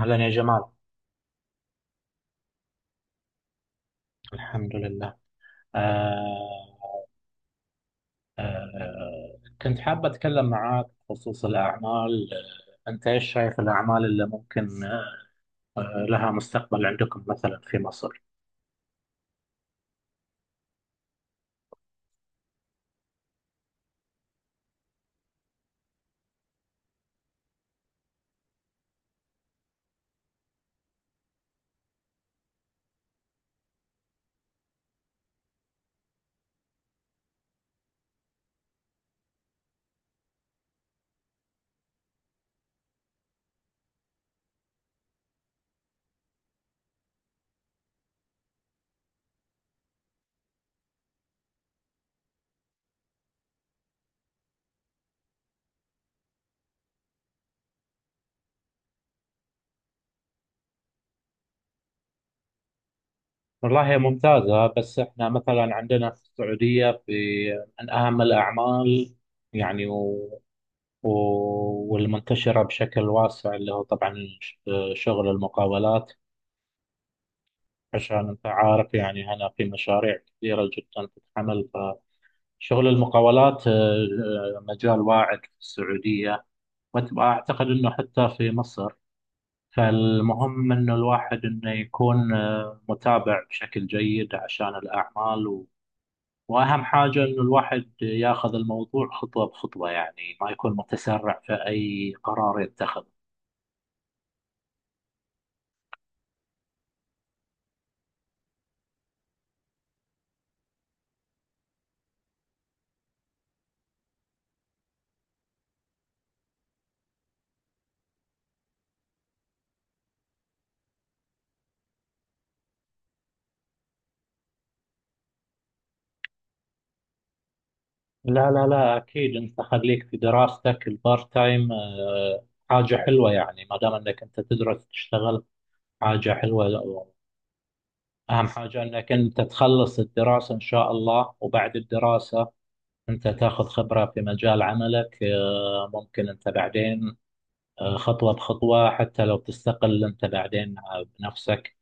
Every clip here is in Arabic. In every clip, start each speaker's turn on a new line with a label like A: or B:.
A: أهلا يا جمال. الحمد لله. آه كنت حابة أتكلم معاك بخصوص الأعمال، أنت إيش شايف الأعمال اللي ممكن لها مستقبل عندكم مثلا في مصر؟ والله هي ممتازة، بس إحنا مثلا عندنا في السعودية، في من أهم الأعمال، يعني و والمنتشرة بشكل واسع اللي هو طبعا ش- شغل المقاولات. عشان أنت عارف يعني هنا في مشاريع كثيرة جدا تتعمل. شغل المقاولات، مجال واعد في السعودية، وأعتقد أنه حتى في مصر. فالمهم أنه الواحد أنه يكون متابع بشكل جيد عشان الأعمال. وأهم حاجة أنه الواحد ياخذ الموضوع خطوة بخطوة، يعني ما يكون متسرع في أي قرار يتخذه. لا لا لا، أكيد أنت خليك في دراستك. البارت تايم حاجة حلوة، يعني ما دام أنك أنت تدرس تشتغل حاجة حلوة. أهم حاجة أنك أنت تخلص الدراسة إن شاء الله، وبعد الدراسة أنت تاخذ خبرة في مجال عملك. ممكن أنت بعدين، خطوة بخطوة، حتى لو تستقل أنت بعدين بنفسك.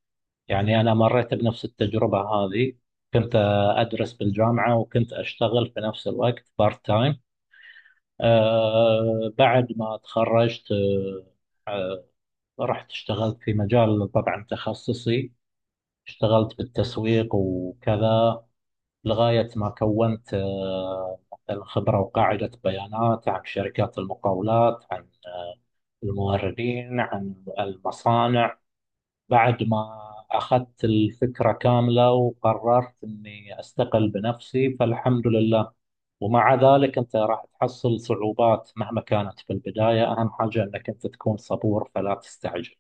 A: يعني أنا مريت بنفس التجربة هذه، كنت أدرس بالجامعة وكنت أشتغل في نفس الوقت بارت تايم. بعد ما تخرجت، رحت اشتغلت في مجال طبعا تخصصي، اشتغلت بالتسويق وكذا، لغاية ما كونت مثلا خبرة وقاعدة بيانات عن شركات المقاولات، عن الموردين، عن المصانع. بعد ما أخذت الفكرة كاملة وقررت أني أستقل بنفسي، فالحمد لله. ومع ذلك أنت راح تحصل صعوبات مهما كانت في البداية، أهم حاجة أنك أنت تكون صبور فلا تستعجل.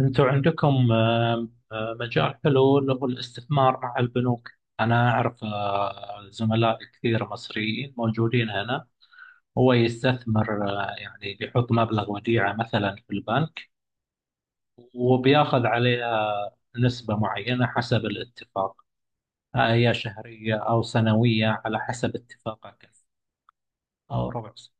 A: انتوا عندكم مجال حلو اللي هو الاستثمار مع البنوك. انا اعرف زملاء كثير مصريين موجودين هنا. هو يستثمر، يعني بيحط مبلغ وديعة مثلا في البنك، وبياخذ عليها نسبة معينة حسب الاتفاق، هي شهرية أو سنوية على حسب اتفاقك، أو ربع سنة.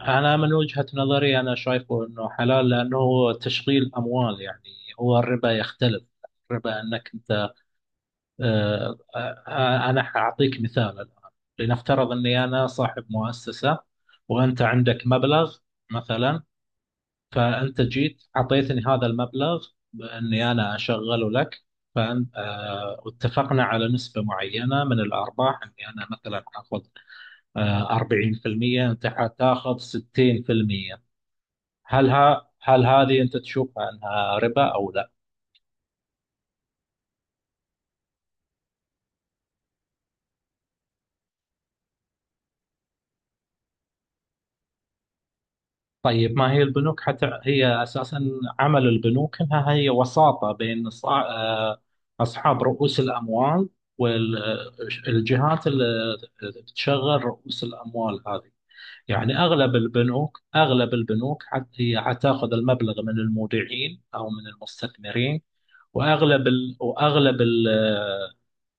A: أنا من وجهة نظري أنا شايفه أنه حلال، لأنه هو تشغيل أموال يعني. هو الربا يختلف. الربا أنك، أنا حأعطيك مثال الآن. لنفترض أني أنا صاحب مؤسسة وأنت عندك مبلغ مثلا، فأنت جيت أعطيتني هذا المبلغ بأني أنا أشغله لك. فأنت واتفقنا على نسبة معينة من الأرباح، أني أنا مثلا آخذ 40%، أنت حتاخذ 60%. هل ها هل هذه أنت تشوفها أنها ربا أو لا؟ طيب ما هي البنوك حتى هي أساسا، عمل البنوك أنها هي وساطة بين أصحاب رؤوس الأموال والجهات اللي تشغل رؤوس الأموال هذه. يعني أغلب البنوك هي حتاخذ المبلغ من المودعين أو من المستثمرين، وأغلب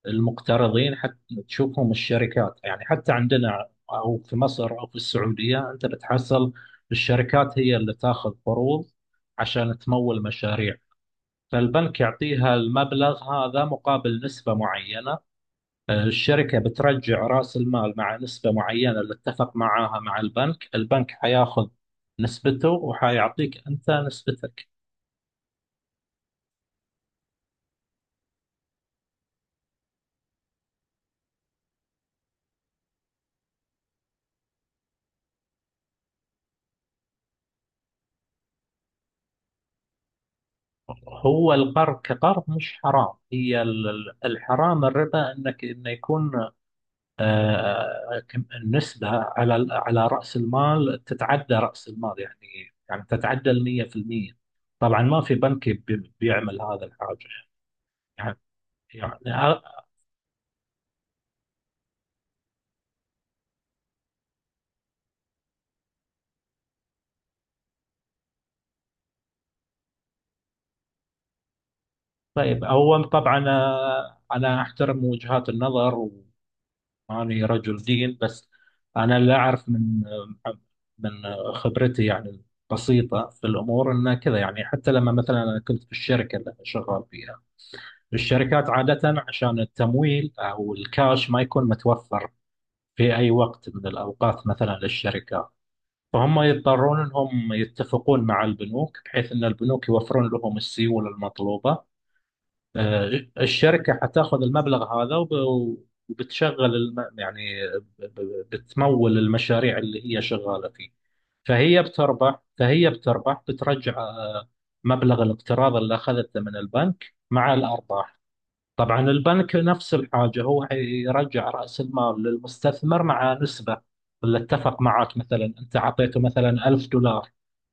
A: المقترضين. حتى تشوفهم الشركات، يعني حتى عندنا او في مصر او في السعوديه، انت بتحصل الشركات هي اللي تاخذ قروض عشان تمول مشاريع. فالبنك يعطيها المبلغ هذا مقابل نسبه معينه. الشركه بترجع راس المال مع نسبه معينه اللي اتفق معاها مع البنك. البنك حياخذ نسبته وحيعطيك انت نسبتك. هو القرض كقرض مش حرام، هي الحرام الربا، انك انه يكون النسبة على رأس المال تتعدى رأس المال، يعني تتعدى ال 100%. طبعا ما في بنك بيعمل هذا الحاجة. يعني يعني آه، طيب أول طبعا، أنا أحترم وجهات النظر، وأني رجل دين بس، أنا اللي أعرف من، آه، خبرتي يعني البسيطة في الأمور أنه كذا. يعني حتى لما مثلا أنا كنت في الشركة اللي أنا شغال فيها، الشركات عادة عشان التمويل أو الكاش ما يكون متوفر في أي وقت من الأوقات مثلا للشركات، فهم يضطرون أنهم يتفقون مع البنوك بحيث أن البنوك يوفرون لهم السيولة المطلوبة. آه، الشركة حتاخذ المبلغ هذا وب- وبتشغل الم... يعني ب- ب- بتمول المشاريع اللي هي شغالة فيه. فهي بتربح، بترجع مبلغ الاقتراض اللي أخذته من البنك مع الأرباح. طبعا البنك نفس الحاجة، هو يرجع رأس المال للمستثمر مع نسبة اللي اتفق معاك. مثلا أنت أعطيته مثلا ألف دولار،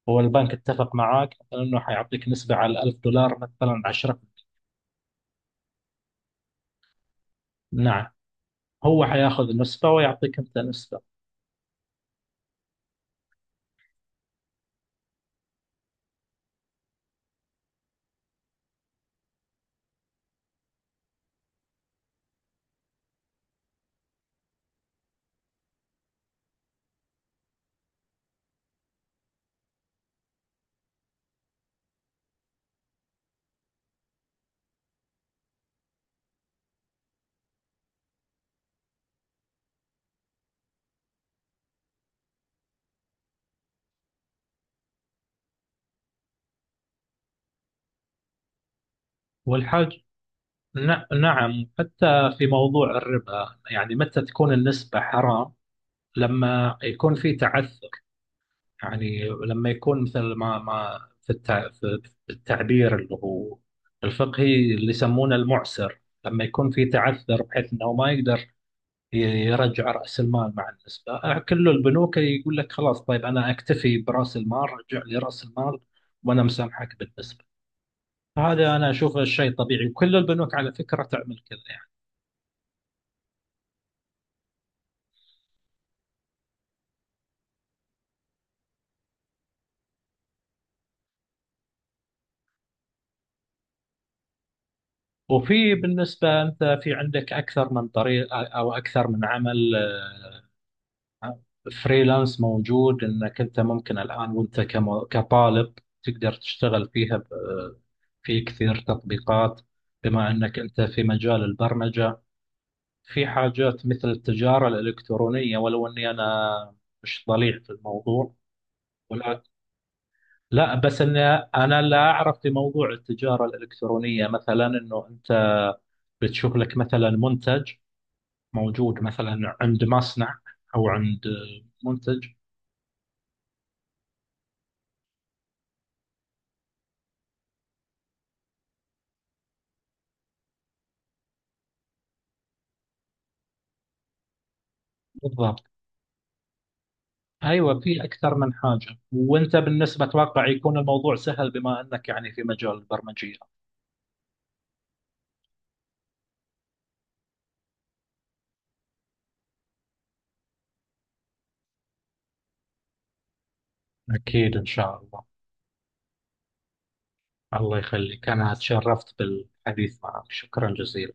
A: هو البنك اتفق معاك مثلا أنه حيعطيك نسبة على الألف دولار مثلا عشرة. نعم، هو حياخذ نسبة ويعطيك أنت نسبة. والحاج، نعم، حتى في موضوع الربا يعني متى تكون النسبة حرام؟ لما يكون في تعثر، يعني لما يكون مثل ما في التعبير اللي هو الفقهي اللي يسمونه المعسر، لما يكون في تعثر بحيث انه ما يقدر ي- يرجع راس المال مع النسبه، كل البنوك يقول لك خلاص طيب انا اكتفي براس المال، رجع لي راس المال وانا مسامحك بالنسبه. هذا انا اشوفه شيء طبيعي، وكل البنوك على فكره تعمل كذا يعني. وفي بالنسبه انت في عندك اكثر من طريق او اكثر من عمل. فريلانس موجود انك انت ممكن الان وانت كطالب تقدر تشتغل في كثير تطبيقات بما انك انت في مجال البرمجة. في حاجات مثل التجارة الالكترونية، ولو اني انا مش ضليع في الموضوع، ولا لا بس اني انا لا اعرف في موضوع التجارة الالكترونية، مثلا انه انت بتشوف لك مثلا منتج موجود مثلا عند مصنع او عند منتج. بالضبط، ايوه في اكثر من حاجه، وانت بالنسبه اتوقع يكون الموضوع سهل بما انك يعني في مجال البرمجيه. اكيد ان شاء الله. الله يخليك، انا تشرفت بالحديث معك، شكرا جزيلا.